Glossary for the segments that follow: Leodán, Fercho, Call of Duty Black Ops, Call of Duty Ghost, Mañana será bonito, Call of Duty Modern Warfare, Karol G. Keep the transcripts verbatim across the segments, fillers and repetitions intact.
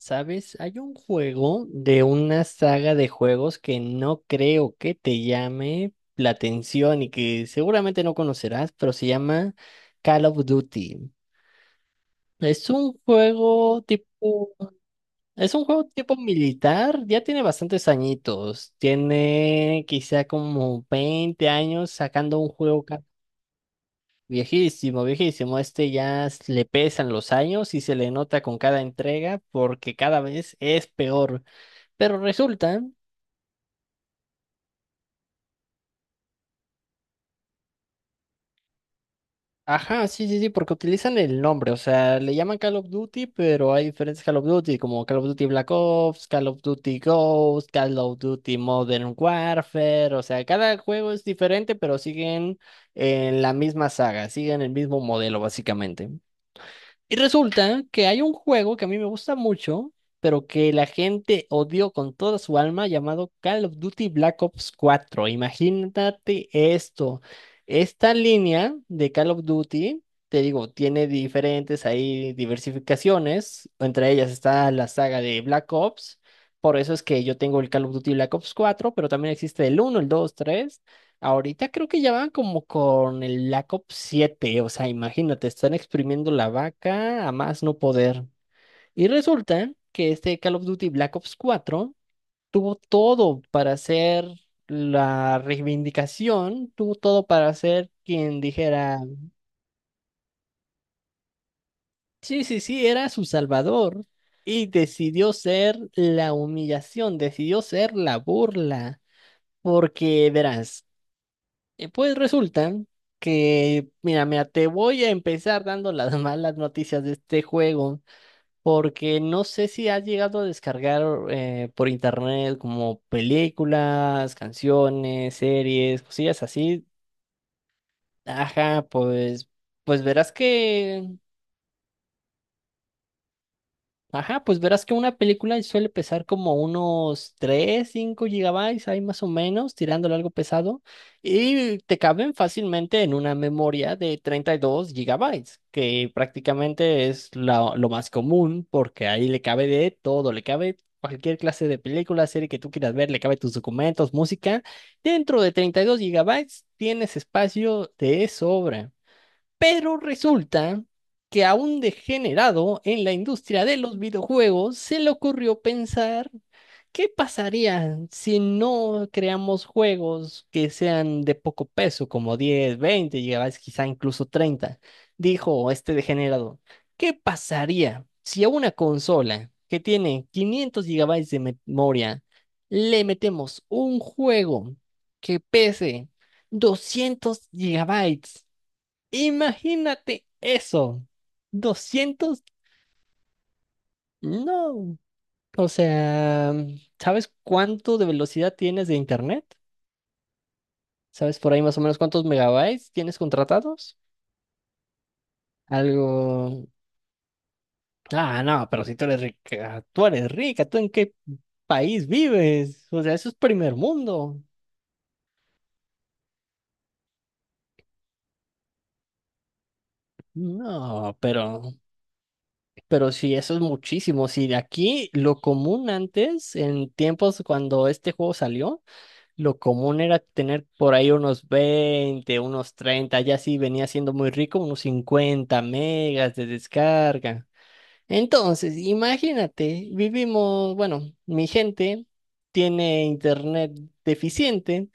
¿Sabes? Hay un juego de una saga de juegos que no creo que te llame la atención y que seguramente no conocerás, pero se llama Call of Duty. Es un juego tipo, es un juego tipo militar, ya tiene bastantes añitos, tiene quizá como veinte años sacando un juego ca- viejísimo, viejísimo. Este ya s- le pesan los años y se le nota con cada entrega porque cada vez es peor. Pero resulta, ajá, sí, sí, sí, porque utilizan el nombre, o sea, le llaman Call of Duty, pero hay diferentes Call of Duty, como Call of Duty Black Ops, Call of Duty Ghost, Call of Duty Modern Warfare, o sea, cada juego es diferente, pero siguen en la misma saga, siguen el mismo modelo, básicamente. Y resulta que hay un juego que a mí me gusta mucho, pero que la gente odió con toda su alma, llamado Call of Duty Black Ops cuatro. Imagínate esto. Esta línea de Call of Duty, te digo, tiene diferentes ahí diversificaciones. Entre ellas está la saga de Black Ops. Por eso es que yo tengo el Call of Duty Black Ops cuatro, pero también existe el uno, el dos, tres. Ahorita creo que ya van como con el Black Ops siete, o sea, imagínate, están exprimiendo la vaca a más no poder. Y resulta que este Call of Duty Black Ops cuatro tuvo todo para hacer la reivindicación, tuvo todo para ser quien dijera, sí, sí, sí, era su salvador. Y decidió ser la humillación, decidió ser la burla. Porque verás. Eh, Pues resulta que, mira, mira, te voy a empezar dando las malas noticias de este juego, porque no sé si has llegado a descargar eh, por internet como películas, canciones, series, cosillas así. Ajá, pues, pues verás que Ajá, pues verás que una película suele pesar como unos tres, cinco gigabytes, ahí más o menos, tirándole algo pesado, y te caben fácilmente en una memoria de treinta y dos gigabytes, que prácticamente es la- lo más común, porque ahí le cabe de todo, le cabe cualquier clase de película, serie que tú quieras ver, le cabe tus documentos, música. Dentro de treinta y dos gigabytes tienes espacio de sobra. Pero resulta que a un degenerado en la industria de los videojuegos se le ocurrió pensar qué pasaría si no creamos juegos que sean de poco peso, como diez, veinte gigabytes, quizá incluso treinta. Dijo este degenerado, ¿qué pasaría si a una consola que tiene quinientos gigabytes de memoria le metemos un juego que pese doscientos gigabytes? Imagínate eso. Doscientos, no. O sea, ¿sabes cuánto de velocidad tienes de internet? ¿Sabes por ahí más o menos cuántos megabytes tienes contratados? Algo... Ah, no, pero si tú eres rica, tú eres rica, ¿tú en qué país vives? O sea, eso es primer mundo. No, pero, pero sí, eso es muchísimo. Si de aquí lo común antes, en tiempos cuando este juego salió, lo común era tener por ahí unos veinte, unos treinta, ya sí venía siendo muy rico, unos cincuenta megas de descarga. Entonces, imagínate, vivimos, bueno, mi gente tiene internet deficiente,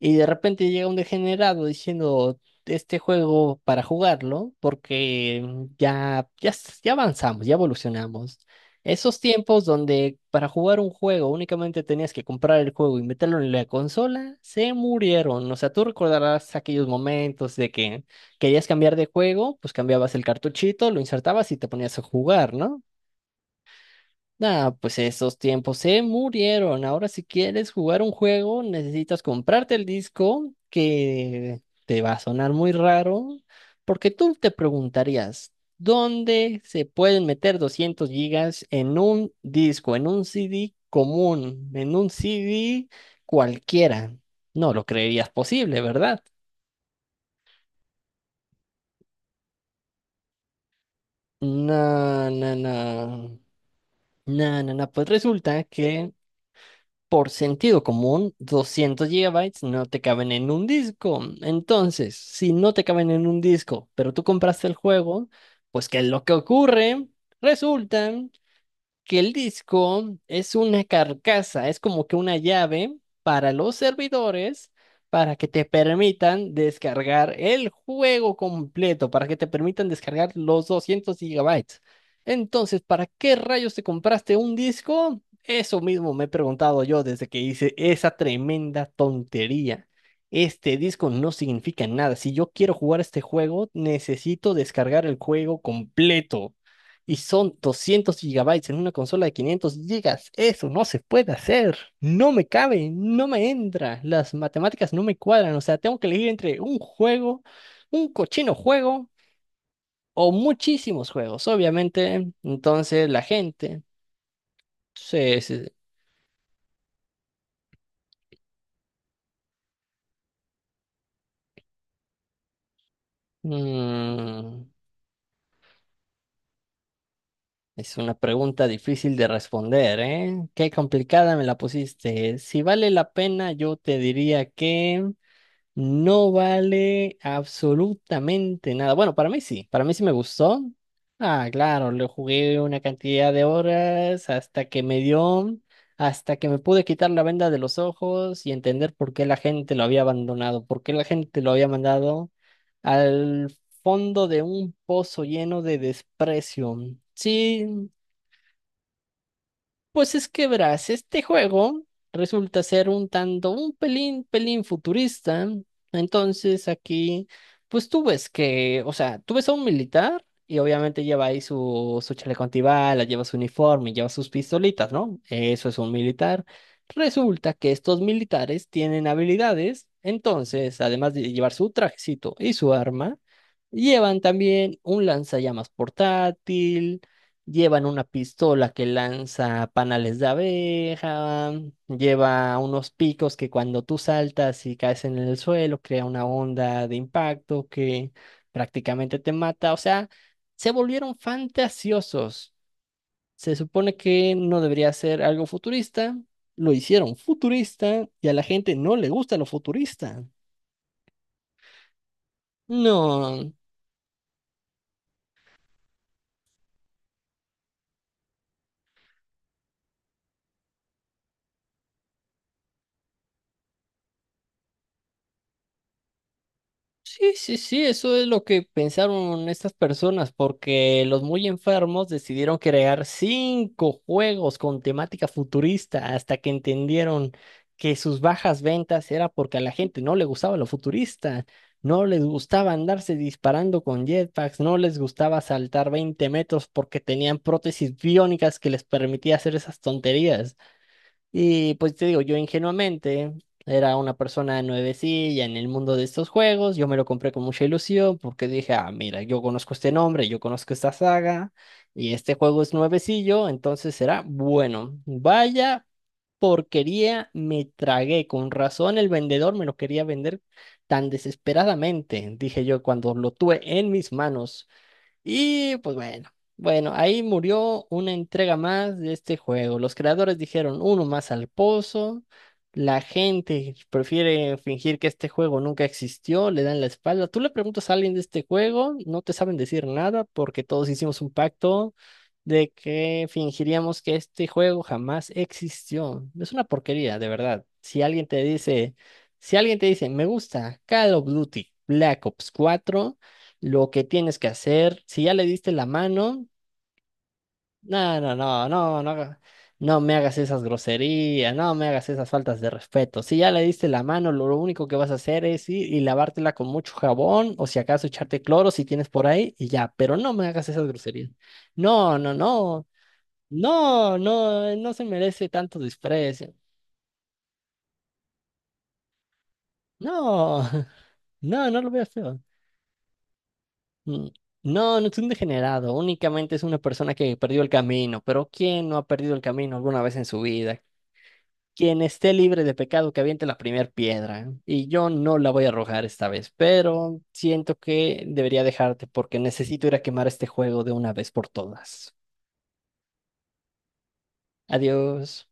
y de repente llega un degenerado diciendo este juego para jugarlo, porque mm, ya, ya, s- ya avanzamos, ya evolucionamos. Esos tiempos donde para jugar un juego únicamente tenías que comprar el juego y meterlo en la consola, se murieron. O sea, tú recordarás aquellos momentos de que querías cambiar de juego, pues cambiabas el cartuchito, lo insertabas y te ponías a jugar, ¿no? Nah, pues esos tiempos se murieron. Ahora si quieres jugar un juego, necesitas comprarte el disco que te va a sonar muy raro, porque tú te preguntarías, ¿dónde se pueden meter doscientos gigas en un disco, en un C D común, en un C D cualquiera? No lo creerías posible, ¿verdad? No, no, no. No, no, no. Pues resulta que por sentido común, doscientos gigabytes no te caben en un disco. Entonces, si no te caben en un disco, pero tú compraste el juego, pues ¿qué es lo que ocurre? Resulta que el disco es una carcasa, es como que una llave para los servidores, para que te permitan descargar el juego completo, para que te permitan descargar los doscientos gigabytes. Entonces, ¿para qué rayos te compraste un disco? Eso mismo me he preguntado yo desde que hice esa tremenda tontería. Este disco no significa nada. Si yo quiero jugar este juego, necesito descargar el juego completo. Y son doscientos gigabytes en una consola de quinientos gigas. Eso no se puede hacer. No me cabe, no me entra. Las matemáticas no me cuadran. O sea, tengo que elegir entre un juego, un cochino juego o muchísimos juegos, obviamente. Entonces, la gente se... se- mm, es una pregunta difícil de responder, ¿eh? Qué complicada me la pusiste. Si vale la pena, yo te diría que... No vale absolutamente nada. Bueno, para mí sí, para mí sí me gustó. Ah, claro, lo jugué una cantidad de horas hasta que me dio, hasta que me pude quitar la venda de los ojos y entender por qué la gente lo había abandonado, por qué la gente lo había mandado al fondo de un pozo lleno de desprecio. Sí, pues es que verás, este juego resulta ser un tanto, un pelín, pelín futurista. Entonces aquí, pues tú ves que, o sea, tú ves a un militar y obviamente lleva ahí su, su chaleco antibalas, lleva su uniforme, lleva sus pistolitas, ¿no? Eso es un militar. Resulta que estos militares tienen habilidades, entonces, además de llevar su trajecito y su arma, llevan también un lanzallamas portátil. Llevan una pistola que lanza panales de abeja, lleva unos picos que cuando tú saltas y caes en el suelo crea una onda de impacto que prácticamente te mata. O sea, se volvieron fantasiosos. Se supone que no debería ser algo futurista, lo hicieron futurista y a la gente no le gusta lo futurista. No. Sí, sí, sí, eso es lo que pensaron estas personas, porque los muy enfermos decidieron crear cinco juegos con temática futurista hasta que entendieron que sus bajas ventas era porque a la gente no le gustaba lo futurista, no les gustaba andarse disparando con jetpacks, no les gustaba saltar veinte metros porque tenían prótesis biónicas que les permitía hacer esas tonterías. Y pues te digo, yo ingenuamente era una persona nuevecilla en el mundo de estos juegos, yo me lo compré con mucha ilusión porque dije, ah, mira, yo conozco este nombre, yo conozco esta saga y este juego es nuevecillo, entonces será bueno. Vaya porquería, me tragué, con razón el vendedor me lo quería vender tan desesperadamente, dije yo cuando lo tuve en mis manos. Y pues bueno, bueno, ahí murió una entrega más de este juego. Los creadores dijeron uno más al pozo. La gente prefiere fingir que este juego nunca existió, le dan la espalda. Tú le preguntas a alguien de este juego, no te saben decir nada porque todos hicimos un pacto de que fingiríamos que este juego jamás existió. Es una porquería, de verdad. Si alguien te dice, si alguien te dice, me gusta Call of Duty Black Ops cuatro, lo que tienes que hacer, si ya le diste la mano, no, no, no, no, no, haga- no me hagas esas groserías, no me hagas esas faltas de respeto. Si ya le diste la mano, lo lo único que vas a hacer es ir y lavártela con mucho jabón o si acaso echarte cloro si tienes por ahí y ya, pero no me hagas esas groserías. No, no, no, no, no, no se merece tanto desprecio. No, no, no lo veas feo. Mm. No, no es un degenerado, únicamente es una persona que perdió el camino, pero ¿quién no ha perdido el camino alguna vez en su vida? Quien esté libre de pecado, que aviente la primera piedra. Y yo no la voy a arrojar esta vez, pero siento que debería dejarte porque necesito ir a quemar este juego de una vez por todas. Adiós.